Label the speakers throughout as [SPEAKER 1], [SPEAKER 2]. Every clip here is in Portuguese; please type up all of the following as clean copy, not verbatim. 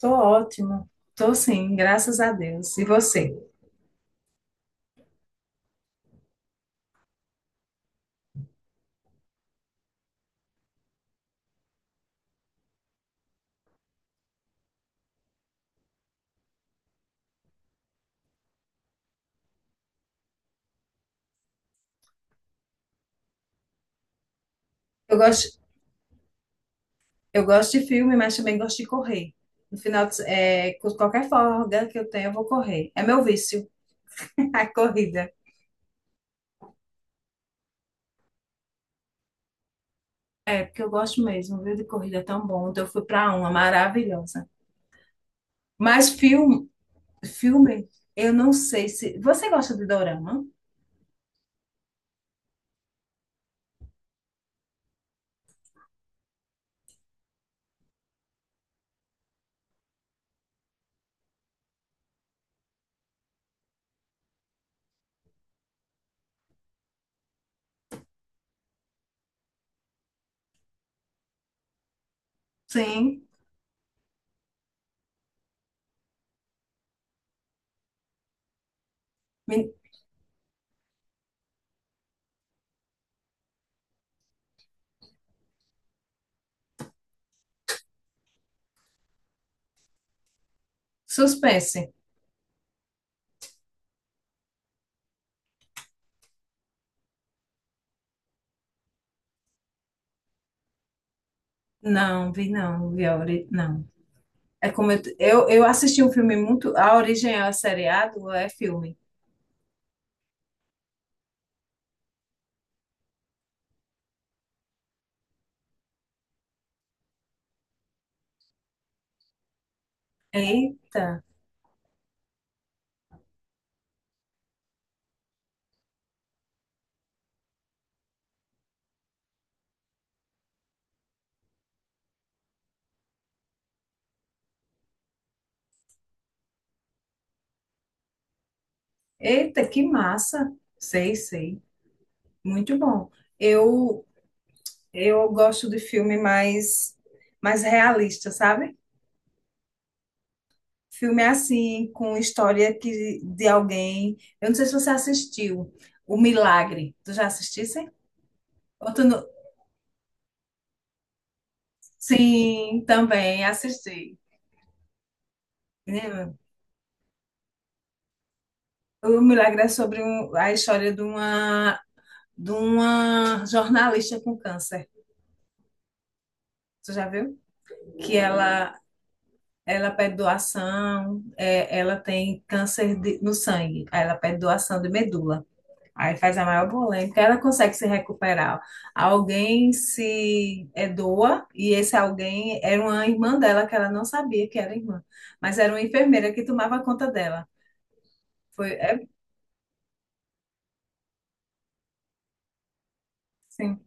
[SPEAKER 1] Tô ótimo. Tô sim, graças a Deus. E você? Eu gosto, eu gosto de filme, mas também gosto de correr. No final, de se- é, com qualquer folga que eu tenho, eu vou correr. É meu vício, a corrida. É, porque eu gosto mesmo, viu, de corrida é tão bom. Então, eu fui para uma maravilhosa. Mas filme, eu não sei se... Você gosta de dorama? Sim. Me- Suspense. Não, vi não, vi a ori... não. É como eu assisti um filme muito. A origem é seriado, é filme. Eita, eita, que massa. Sei, sei. Muito bom. Eu eu gosto de filme mais realista, sabe? Filme assim, com história que, de alguém. Eu não sei se você assistiu O Milagre. Tu já assistisse? Ou tu não- Sim, também assisti. Né? O Milagre é sobre um- a história de uma jornalista com câncer. Tu já viu? Que ela ela pede doação, é, ela tem câncer de- no sangue, aí ela pede doação de medula. Aí faz a maior polêmica, ela consegue se recuperar. Alguém se é, doa, e esse alguém era uma irmã dela, que ela não sabia que era irmã, mas era uma enfermeira que tomava conta dela. Foi, é, sim.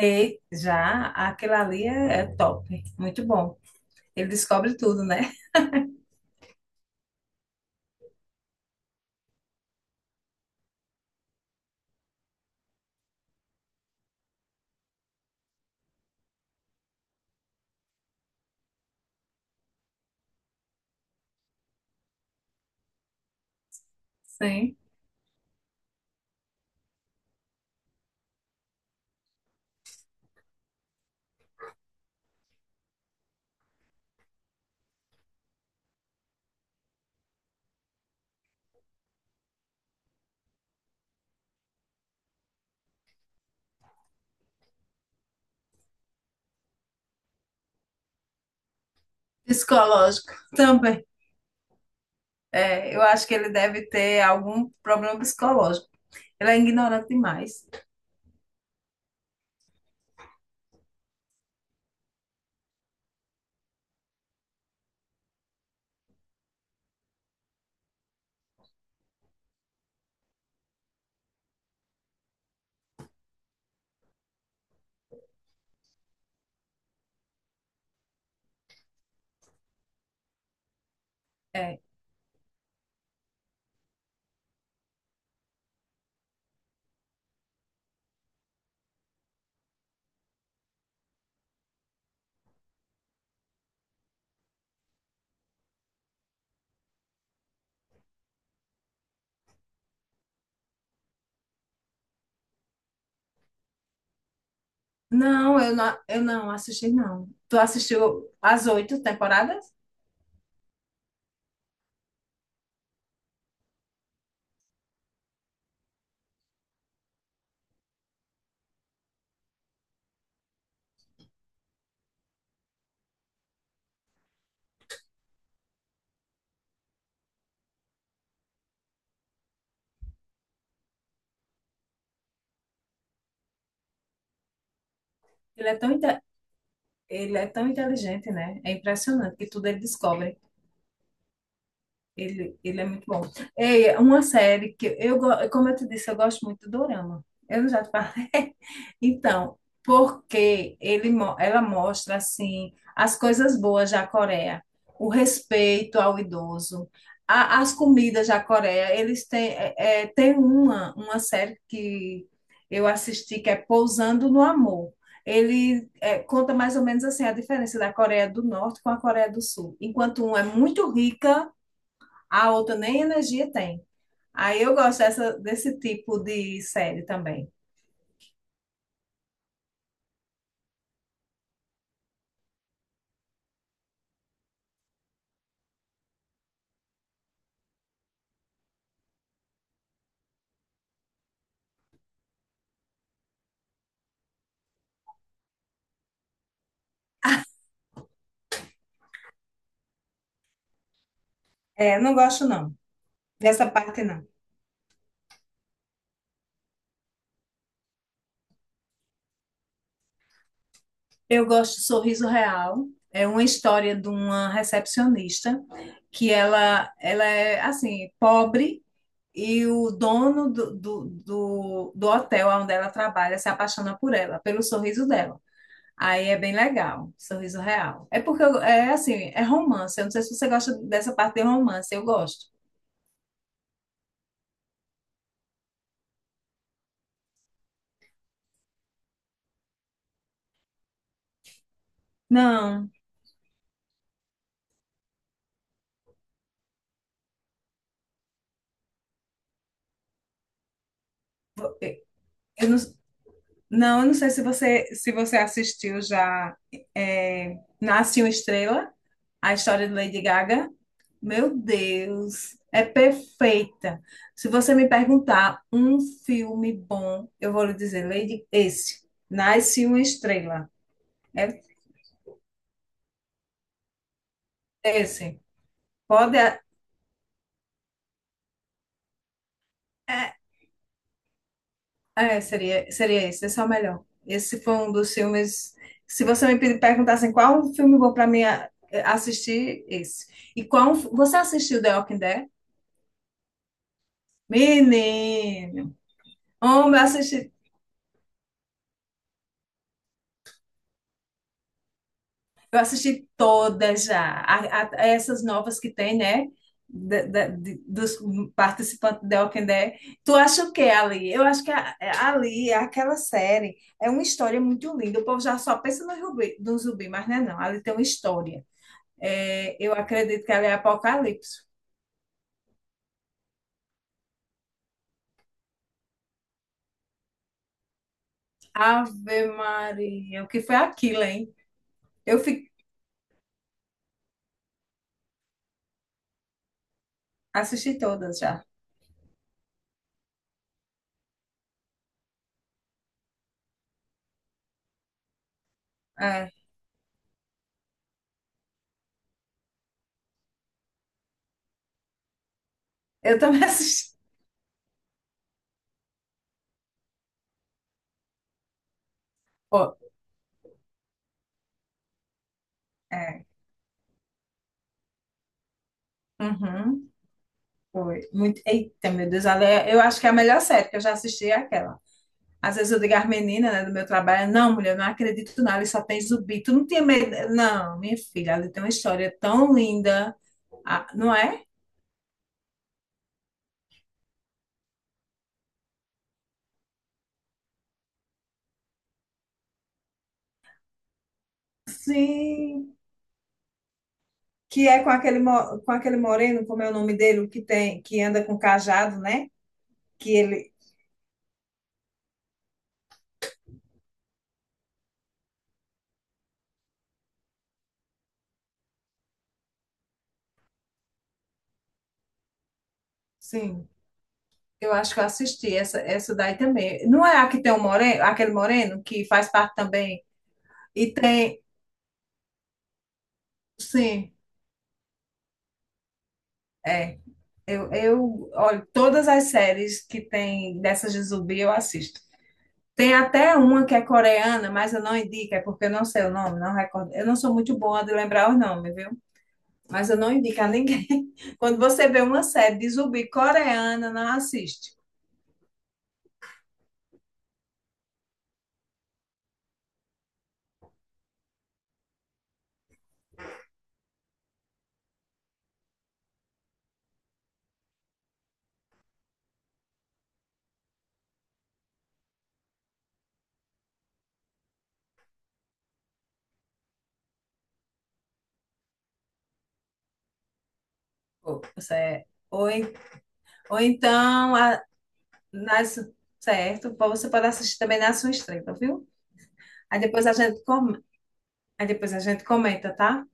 [SPEAKER 1] E já aquilo ali é, é top, muito bom. Ele descobre tudo, né? Sim. Psicológico também. É, eu acho que ele deve ter algum problema psicológico. Ele é ignorante demais. É. Não, eu não assisti, não. Tu assistiu as 8 temporadas? Ele é tão, inte- ele é tão inteligente, né? É impressionante que tudo ele descobre. Ele é muito bom. É uma série que eu, go- como eu te disse, eu gosto muito do Dorama. Eu não já te falei. Então, porque ele, mo- ela mostra assim as coisas boas da Coreia, o respeito ao idoso, a- as comidas da Coreia. Eles têm, é, é, tem uma série que eu assisti que é Pousando no Amor. Ele é, conta mais ou menos assim a diferença da Coreia do Norte com a Coreia do Sul. Enquanto um é muito rica a outra nem energia tem. Aí eu gosto dessa, desse tipo de série também. É, não gosto não. Dessa parte não. Eu gosto de Sorriso Real. É uma história de uma recepcionista que ela é assim, pobre. E o dono do hotel onde ela trabalha se apaixona por ela, pelo sorriso dela. Aí é bem legal, sorriso real. É porque eu- é assim, é romance. Eu não sei se você gosta dessa parte de romance, eu gosto. Não, eu não, não, eu não sei se você assistiu já é, Nasce uma Estrela, a história de Lady Gaga. Meu Deus, é perfeita. Se você me perguntar um filme bom, eu vou lhe dizer, Lady, esse, Nasce uma Estrela. É esse. Pode. É, seria esse, esse é o melhor. Esse foi um dos filmes. Se você me pedir- perguntasse qual um filme bom para mim a- é, assistir, esse. E qual. Um você assistiu The Walking Dead? Menino! Homem, eu assisti todas já. A- essas novas que tem, né? Da- da- de- dos participantes do The Walking Dead. Tu acha o que ali? Eu acho que a- é, ali, aquela série, é uma história muito linda. O povo já só pensa no zumbi, no zumbi, mas não é não. Ali tem uma história. É, eu acredito que ela é Apocalipse. Ave Maria, o que foi aquilo, hein? Eu fi- assisti todas já. É, eu também assisti. Ó, é, uhum, foi. Muito, eita, meu Deus, ela é- eu acho que é a melhor série que eu já assisti é aquela. Às vezes eu digo às meninas, né, do meu trabalho, não, mulher, eu não acredito não, ali só tem zumbi. Tu não tinha medo? Não, minha filha, ali tem uma história tão linda. Ah, não é? Sim. Que é com aquele, mo- com aquele moreno, como é o nome dele, o que tem, que anda com cajado, né? Que ele. Sim, eu acho que eu assisti essa daí também. Não é a que tem o moreno, aquele moreno que faz parte também. E tem. Sim, é, eu olho todas as séries que tem dessas de zumbi, eu assisto. Tem até uma que é coreana, mas eu não indico, é porque eu não sei o nome, não recordo. Eu não sou muito boa de lembrar os nomes, viu? Mas eu não indico a ninguém. Quando você vê uma série de zumbi coreana, não assiste. Ou, você é- ou então, a- nas, certo? Pô, você pode assistir também na sua estreia, viu? Aí depois a gente, com- aí depois a gente comenta, tá?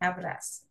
[SPEAKER 1] Abraço.